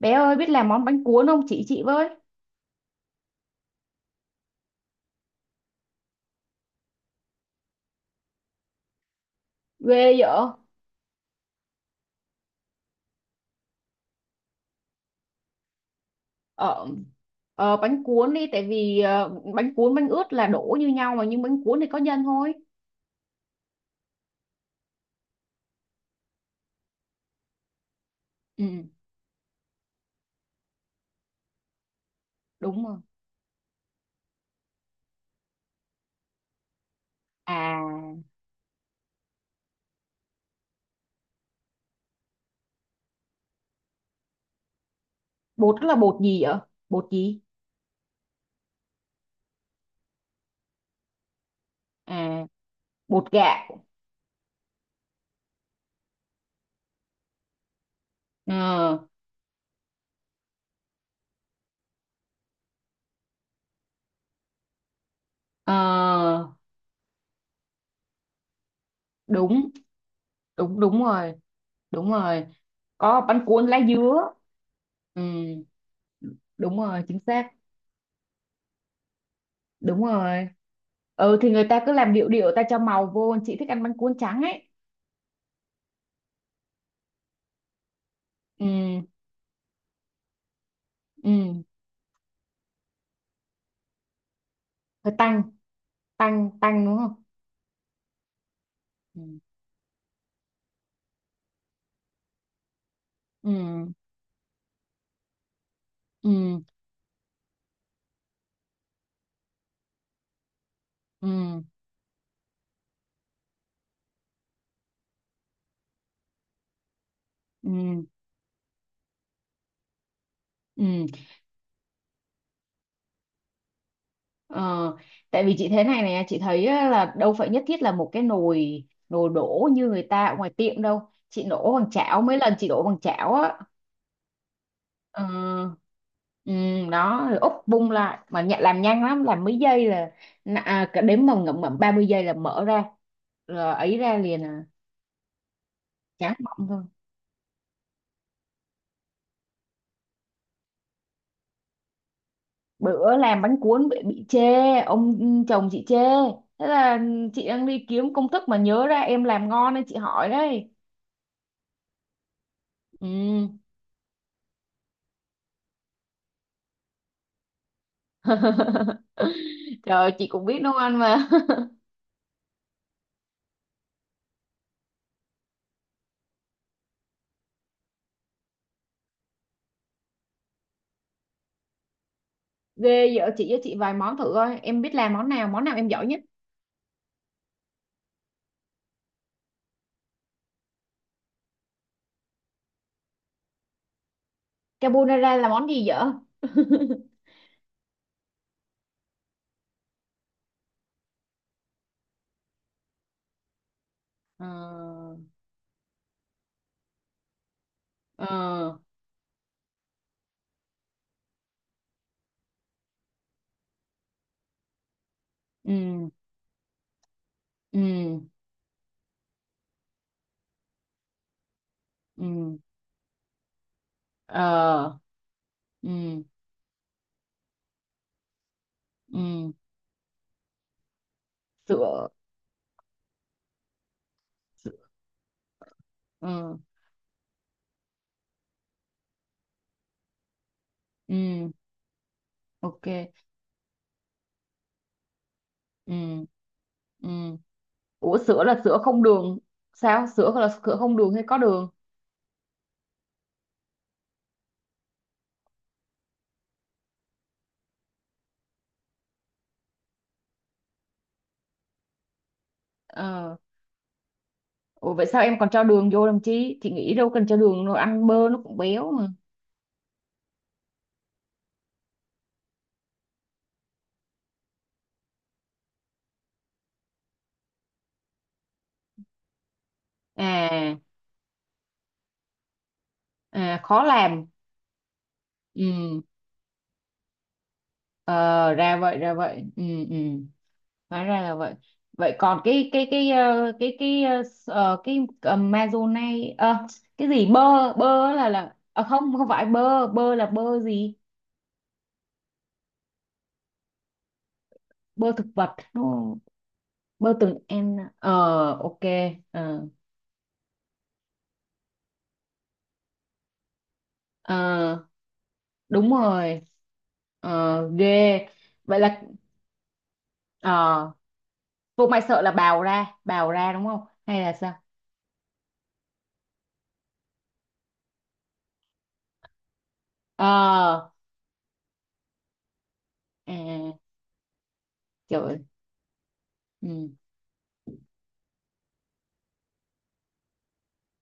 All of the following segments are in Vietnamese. Bé ơi biết làm món bánh cuốn không chị với. Ghê vậy. Ờ, ờ, bánh cuốn đi tại vì bánh cuốn bánh ướt là đổ như nhau mà nhưng bánh cuốn thì có nhân thôi. Ừ, đúng rồi. À, bột đó là bột gì vậy? Bột gì? À, bột gạo. Ờ, ờ, đúng đúng đúng rồi, đúng rồi. Có bánh cuốn lá dứa. Ừ, đúng rồi, chính xác. Đúng rồi. Ừ thì người ta cứ làm điệu điệu, ta cho màu vô. Chị thích ăn bánh cuốn trắng ấy. Ừ. Ừ. Ờ, tăng, tăng đúng không? Ừ. Ừ. Ừ. Ừ. Ừ. Ừ. ờ, Tại vì chị thế này này, chị thấy á, là đâu phải nhất thiết là một cái nồi nồi đổ như người ta ở ngoài tiệm đâu. Chị đổ bằng chảo, mấy lần chị đổ bằng chảo á. Ờ. Ừ. Đó, rồi úp bung lại mà nhận, làm nhanh lắm, làm mấy giây là à, cả đếm mà ngậm ngậm 30 giây là mở ra, rồi ấy ra liền à. Tráng bọng thôi. Bữa làm bánh cuốn bị chê. Ông chồng chị chê. Thế là chị đang đi kiếm công thức mà nhớ ra em làm ngon nên chị hỏi đấy. Ừ. Trời ơi, chị cũng biết nấu ăn mà. Ghê, vợ chị với, chị vài món thử coi em biết làm món nào, món nào em giỏi nhất. Carbonara là món gì vợ? Ờ. Ờ. Ừ. Ừ. Ừ. Ờ. Ừ. Ừ. Sữa. Sữa. Ừ. Ừ. Ok. Ừ. Ừ. Ủa sữa là sữa không đường? Sao, sữa là sữa không đường hay có đường? Ờ. Ủa vậy sao em còn cho đường vô làm chi, chị nghĩ đâu cần cho đường đâu, ăn bơ nó cũng béo mà. À. À, khó làm. Ừ. Ờ ra vậy, ra vậy. Ừ. Ừ. Hóa ra là vậy. Vậy còn cái cái cái cái mazonai, cái gì, bơ, bơ là à, không, không phải bơ, bơ là bơ gì? Bơ thực vật? Bơ từng em à? Ờ. Ok. Ờ. Ờ, đúng rồi. Ờ ghê. Vậy là ờ. Vụ mày sợ là bào ra, bào ra đúng không hay là sao? Ờ. À. Trời ơi. Ừ.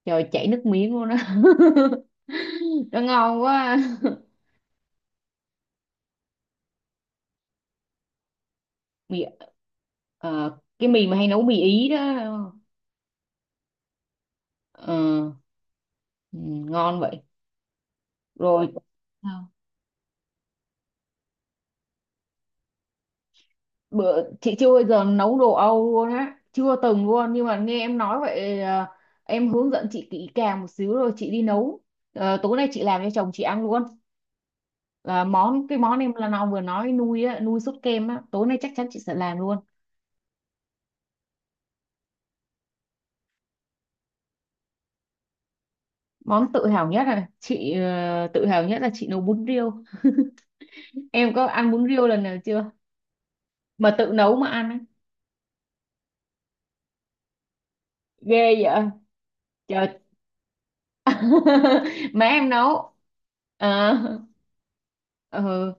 Trời ơi, chảy nước miếng luôn á. Nó ngon quá. Mì. Ờ, cái mì mà hay nấu mì ý đó. Ờ. Ừ, ngon vậy. Rồi, bữa chị chưa bao giờ nấu đồ Âu luôn á, chưa từng luôn, nhưng mà nghe em nói vậy à, em hướng dẫn chị kỹ càng một xíu rồi chị đi nấu. Ờ, tối nay chị làm cho chồng chị ăn luôn, là món, cái món em là nó vừa nói, nuôi á, nuôi sốt kem á, tối nay chắc chắn chị sẽ làm luôn. Món tự hào nhất là chị tự hào nhất là chị nấu bún riêu. Em có ăn bún riêu lần nào chưa, mà tự nấu mà ăn á? Ghê vậy. Trời. Má em nấu. À. Ừ.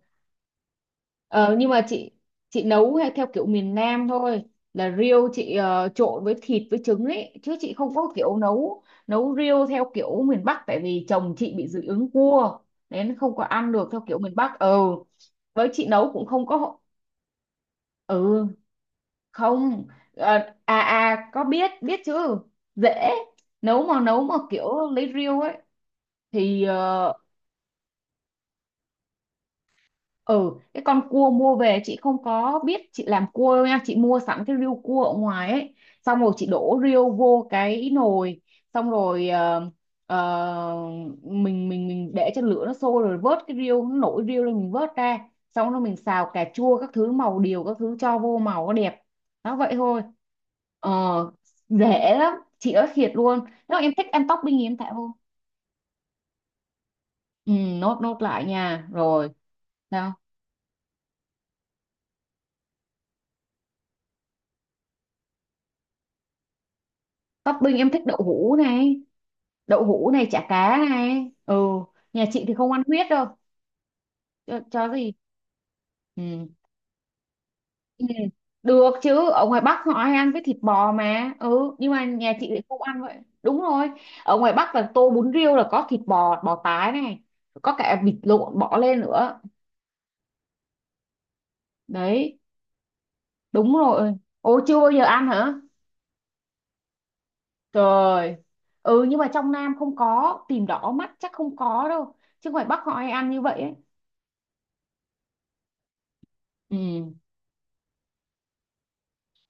Ờ, nhưng mà chị nấu hay theo kiểu miền Nam thôi, là riêu chị trộn với thịt với trứng ấy, chứ chị không có kiểu nấu nấu riêu theo kiểu miền Bắc, tại vì chồng chị bị dị ứng cua nên không có ăn được theo kiểu miền Bắc. Ừ. Với chị nấu cũng không có. Ừ. Không. Ờ, à à, có biết, biết chứ. Dễ, nấu mà, nấu mà kiểu lấy riêu ấy thì ờ. Ừ, cái con cua mua về chị không có biết chị làm cua đâu nha, chị mua sẵn cái riêu cua ở ngoài ấy, xong rồi chị đổ riêu vô cái nồi, xong rồi ờ, ờ, mình để cho lửa nó sôi rồi vớt cái riêu, nó nổi riêu lên mình vớt ra, xong rồi mình xào cà chua các thứ, màu điều các thứ cho vô màu nó đẹp. Đó, vậy thôi. Ờ. Dễ lắm chị ơi, thiệt luôn. Nếu mà em thích ăn topping thì em tạo vô. Ừ, nốt, nốt lại nha rồi. Sao? Topping em thích đậu hũ này, đậu hũ này, chả cá này. Ừ, nhà chị thì không ăn huyết đâu. Cho gì? Ừ. Ừ. Được chứ, ở ngoài Bắc họ hay ăn với thịt bò mà, ừ, nhưng mà nhà chị thì không ăn vậy. Đúng rồi, ở ngoài Bắc là tô bún riêu là có thịt bò, bò tái này, có cả vịt lộn bỏ lên nữa. Đấy. Đúng rồi. Ô, chưa bao giờ ăn hả? Trời. Ừ, nhưng mà trong Nam không có, tìm đỏ mắt chắc không có đâu, chứ ngoài Bắc họ hay ăn như vậy ấy. Ừ.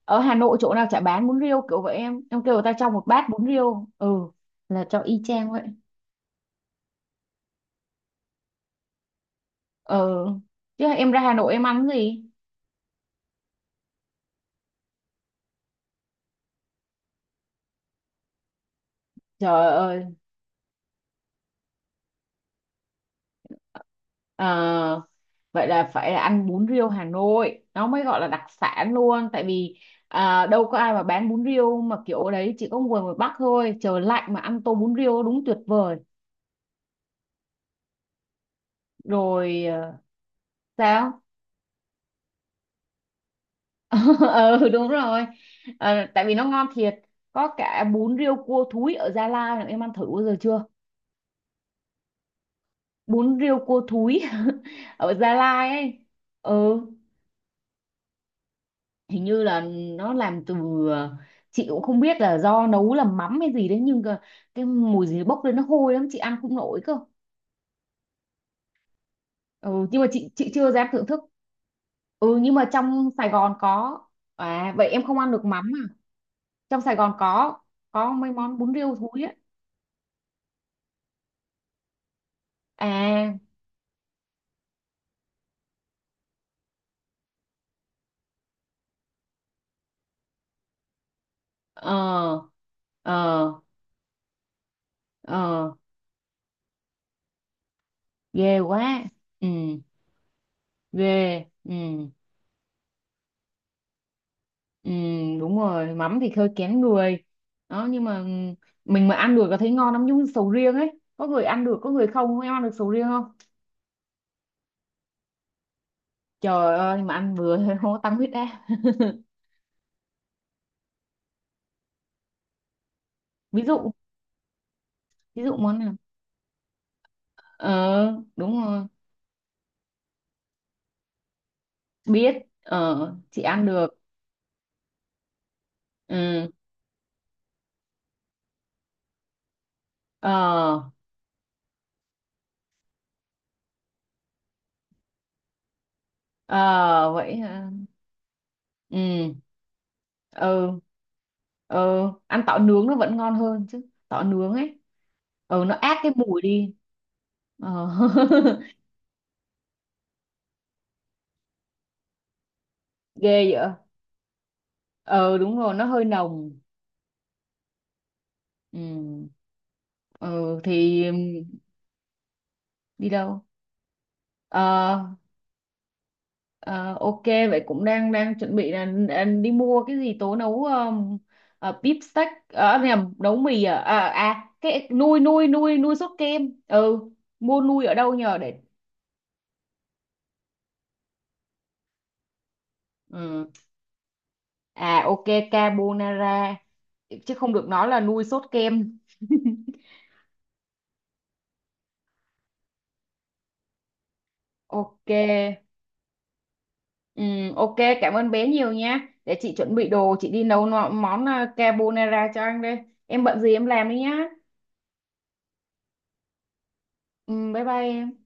Ở Hà Nội chỗ nào chả bán bún riêu kiểu vậy, em kêu người ta cho một bát bún riêu. Ừ, là cho y chang vậy. Ừ. Chứ em ra Hà Nội em ăn cái gì? Trời ơi. Ờ, vậy là phải là ăn bún riêu Hà Nội nó mới gọi là đặc sản luôn. Tại vì à, đâu có ai mà bán bún riêu mà kiểu đấy, chỉ có người ngoài Bắc thôi. Trời lạnh mà ăn tô bún riêu đúng tuyệt vời. Rồi ờ, sao? Ừ đúng rồi. Ờ, tại vì nó ngon thiệt. Có cả bún riêu cua thúi ở Gia Lai này, em ăn thử bao giờ chưa? Bún riêu cua thúi ở Gia Lai ấy. Ừ. Hình như là nó làm từ ờ, chị cũng không biết là do nấu là mắm hay gì đấy, nhưng cái mùi gì bốc lên nó hôi lắm chị ăn không nổi cơ. Ừ nhưng mà chị chưa dám thưởng thức. Ừ, nhưng mà trong Sài Gòn có. À, vậy em không ăn được mắm à? Trong Sài Gòn có mấy món bún riêu thúi ấy. À. Ờ. Ờ. Ờ. Ghê quá. Ừ. Ghê. Ừ. Ừ, đúng rồi, mắm thì hơi kén người. Đó nhưng mà ừ, mình mà ăn được là thấy ngon lắm, giống như sầu riêng ấy, có người ăn được có người không. Em ăn được sầu riêng không? Trời ơi, mà ăn vừa thôi không có tăng huyết áp. Ví dụ, ví dụ món nào? Ờ. Đúng rồi, biết. Ờ, chị ăn được. Ừ. Ờ. Ờ vậy hả. Ừ. Ừ. Ừ, ăn tỏi nướng nó vẫn ngon hơn chứ, tỏi nướng ấy. Ừ, nó át cái mùi đi. Ờ. Ghê vậy. Ờ đúng rồi, nó hơi nồng. Ừ. Ừ thì đi đâu? Ờ. Ờ, ok, vậy cũng đang đang chuẩn bị là đi mua cái gì tố nấu beef steak, ờ nhầm, nấu mì à, à, à cái nuôi nuôi nuôi nuôi sốt kem. Ừ, mua nuôi ở đâu nhờ để. Ừ. À ok. Carbonara. Chứ không được nói là nuôi sốt kem. Ok. Ok, cảm ơn bé nhiều nha, để chị chuẩn bị đồ chị đi nấu món à, carbonara cho anh đây. Em bận gì em làm đi nhá. Bye bye em.